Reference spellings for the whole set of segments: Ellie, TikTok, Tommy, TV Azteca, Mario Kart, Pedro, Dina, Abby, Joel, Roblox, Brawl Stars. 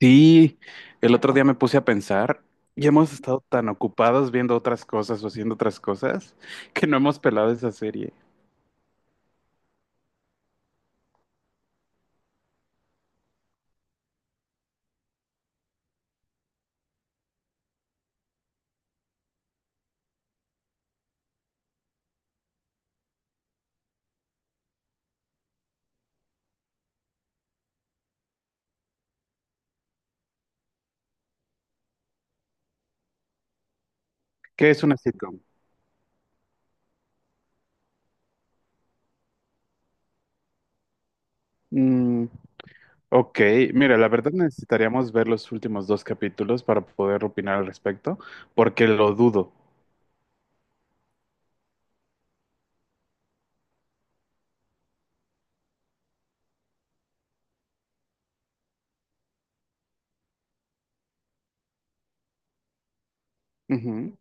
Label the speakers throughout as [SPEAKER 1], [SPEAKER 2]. [SPEAKER 1] Sí, el otro día me puse a pensar y hemos estado tan ocupados viendo otras cosas o haciendo otras cosas que no hemos pelado esa serie. ¿Qué es una sitcom? Mm, ok, mira, la verdad necesitaríamos ver los últimos dos capítulos para poder opinar al respecto, porque lo dudo. Ujú.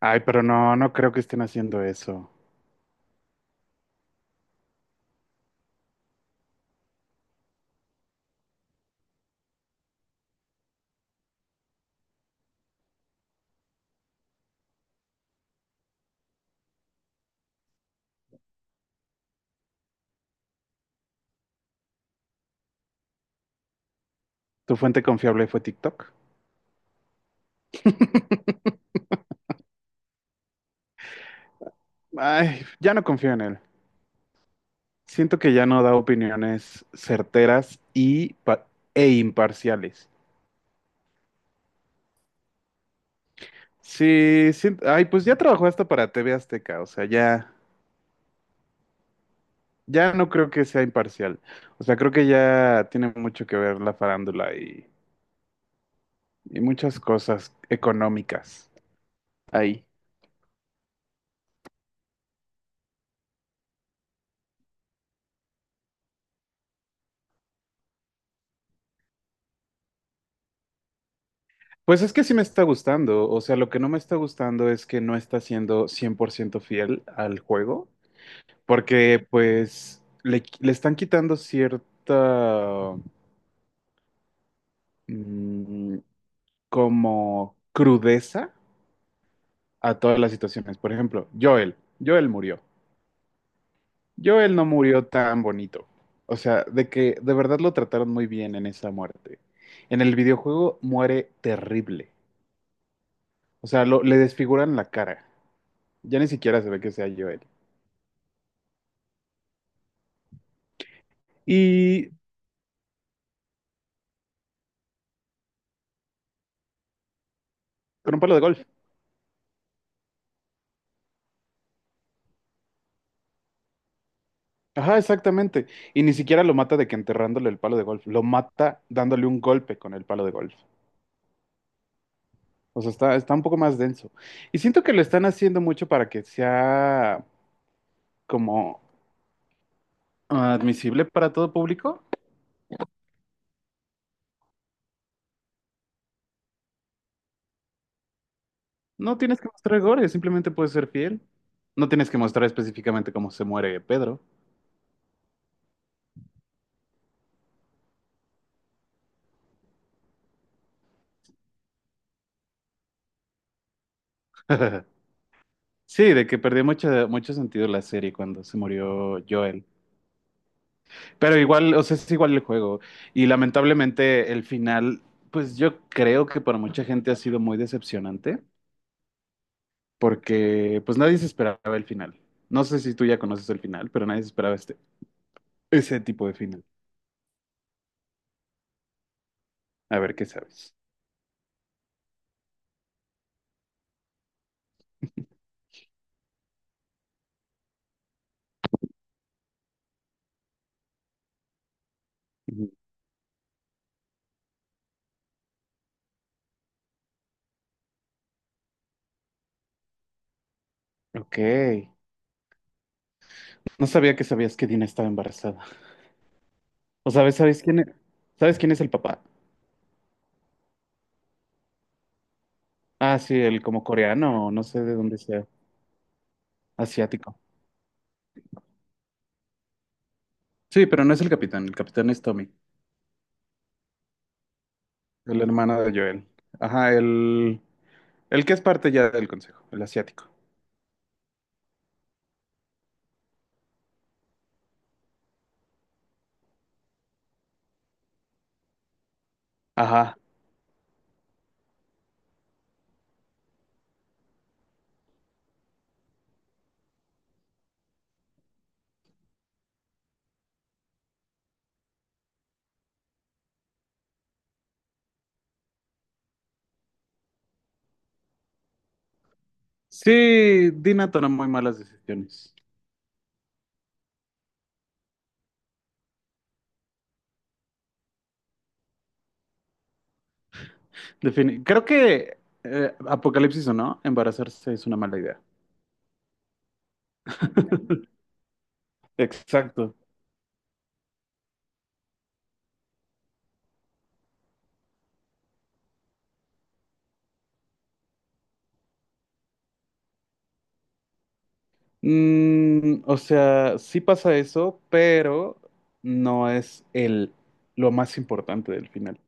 [SPEAKER 1] Ay, pero no, no creo que estén haciendo eso. ¿Tu fuente confiable fue TikTok? Ay, ya no confío en él. Siento que ya no da opiniones certeras y e imparciales. Sí, sí, ay, pues ya trabajó hasta para TV Azteca, o sea, ya, ya no creo que sea imparcial. O sea, creo que ya tiene mucho que ver la farándula y muchas cosas económicas ahí. Pues es que sí me está gustando, o sea, lo que no me está gustando es que no está siendo 100% fiel al juego, porque le están quitando cierta mm, como crudeza a todas las situaciones. Por ejemplo, Joel murió. Joel no murió tan bonito. O sea, de que de verdad lo trataron muy bien en esa muerte. En el videojuego muere terrible. O sea, le desfiguran la cara. Ya ni siquiera se ve que sea Joel. Y con un palo de golf. Ajá, exactamente. Y ni siquiera lo mata de que enterrándole el palo de golf. Lo mata dándole un golpe con el palo de golf. O sea, está un poco más denso. Y siento que lo están haciendo mucho para que sea como ah, admisible para todo público. No tienes que mostrar gore, simplemente puedes ser fiel. No tienes que mostrar específicamente cómo se muere Pedro. Sí, de que perdió mucho, mucho sentido la serie cuando se murió Joel. Pero igual, o sea, es igual el juego. Y lamentablemente el final, pues yo creo que para mucha gente ha sido muy decepcionante, porque pues nadie se esperaba el final. No sé si tú ya conoces el final, pero nadie se esperaba ese tipo de final. A ver, ¿qué sabes? Ujú. Ok. No sabía que sabías que Dina estaba embarazada. O sabes, ¿sabes quién es? ¿Sabes quién es el papá? Ah, sí, el como coreano, o no sé de dónde sea, asiático. Sí, pero no es el capitán es Tommy, el hermano de Joel. Ajá, el que es parte ya del consejo, el asiático. Ajá. Sí, Dina toma muy malas decisiones. Creo que apocalipsis o no, embarazarse es una mala idea. Exacto. Mm, o sea, sí pasa eso, pero no es el lo más importante del final.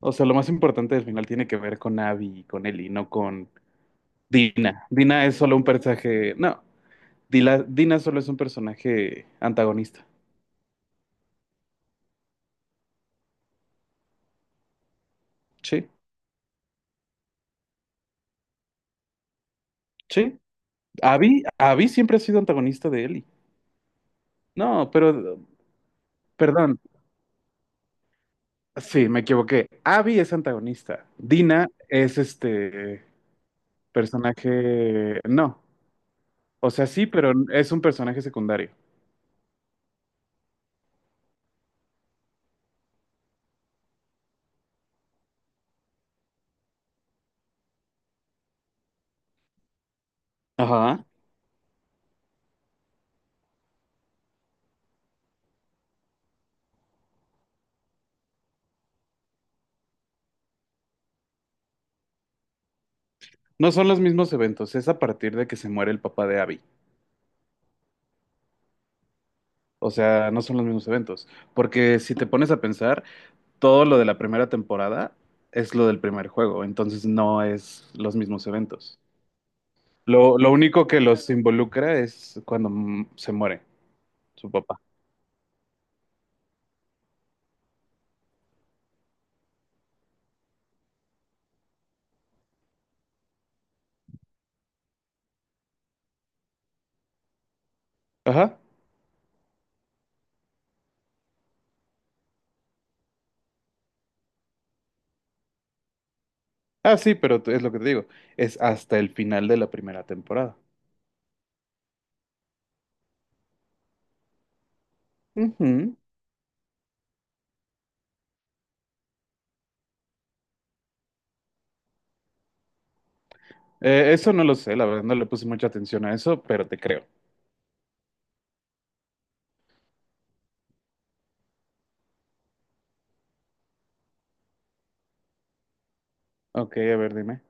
[SPEAKER 1] O sea, lo más importante del final tiene que ver con Abby y con Ellie, no con Dina. Dina es solo un personaje. No, Dina solo es un personaje antagonista. Sí, sí. Abby siempre ha sido antagonista de Ellie. No, pero, perdón, sí, me equivoqué. Abby es antagonista. Dina es este personaje. No, o sea, sí, pero es un personaje secundario. Ajá. No son los mismos eventos, es a partir de que se muere el papá de Abby. O sea, no son los mismos eventos. Porque si te pones a pensar, todo lo de la primera temporada es lo del primer juego, entonces no es los mismos eventos. Lo único que los involucra es cuando se muere su papá. Ajá. Ah, sí, pero es lo que te digo. Es hasta el final de la primera temporada. Ujú. Eso no lo sé, la verdad no le puse mucha atención a eso, pero te creo. Ok, a ver, dime.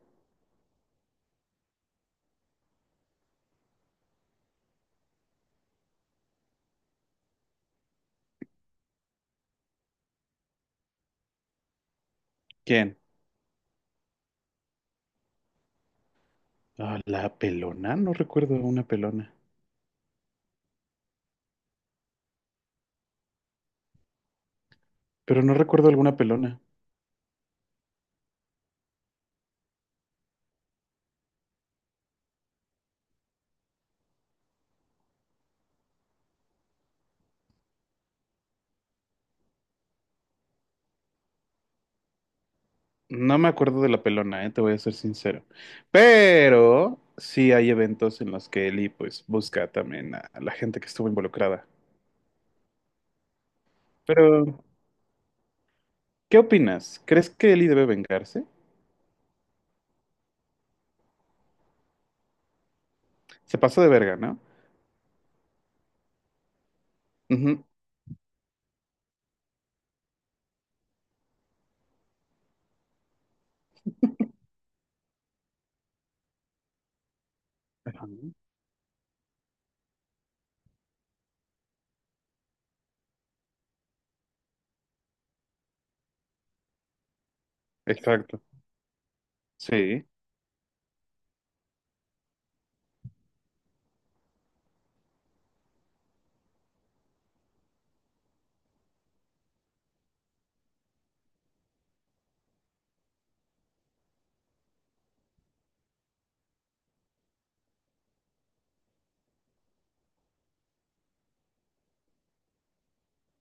[SPEAKER 1] ¿Quién? Ah, la pelona, no recuerdo una pelona. Pero no recuerdo alguna pelona. No me acuerdo de la pelona, te voy a ser sincero. Pero sí hay eventos en los que Eli pues busca también a la gente que estuvo involucrada. Pero, ¿qué opinas? ¿Crees que Eli debe vengarse? Se pasó de verga, ¿no? Ujú. Ajá. Exacto. Sí.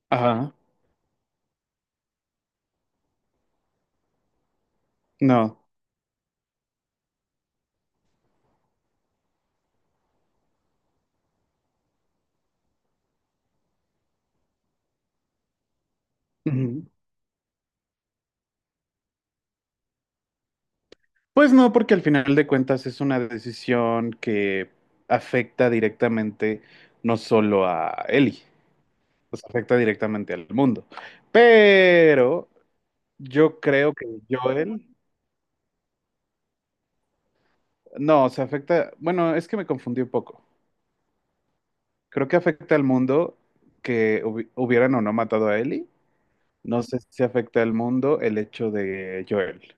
[SPEAKER 1] Ajá. No. Ujú. Pues no, porque al final de cuentas es una decisión que afecta directamente no solo a Eli, pues afecta directamente al mundo. Pero yo creo que Joel, no, se afecta, bueno, es que me confundí un poco. Creo que afecta al mundo que hubieran o no matado a Ellie. No sé si afecta al mundo el hecho de Joel.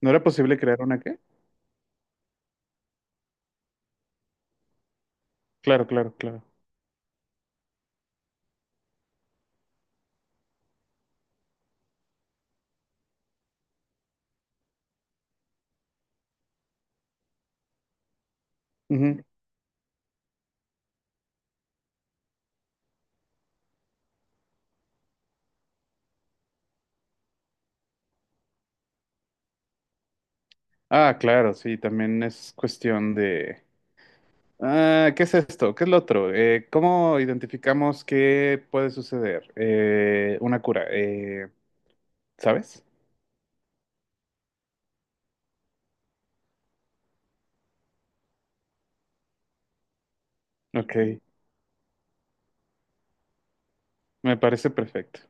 [SPEAKER 1] ¿No era posible crear una qué? Claro, claro, claro. Ujú. Ah, claro, sí, también es cuestión de... Ah, ¿qué es esto? ¿Qué es lo otro? ¿Cómo identificamos qué puede suceder? Una cura, ¿sabes? Ok, me parece perfecto.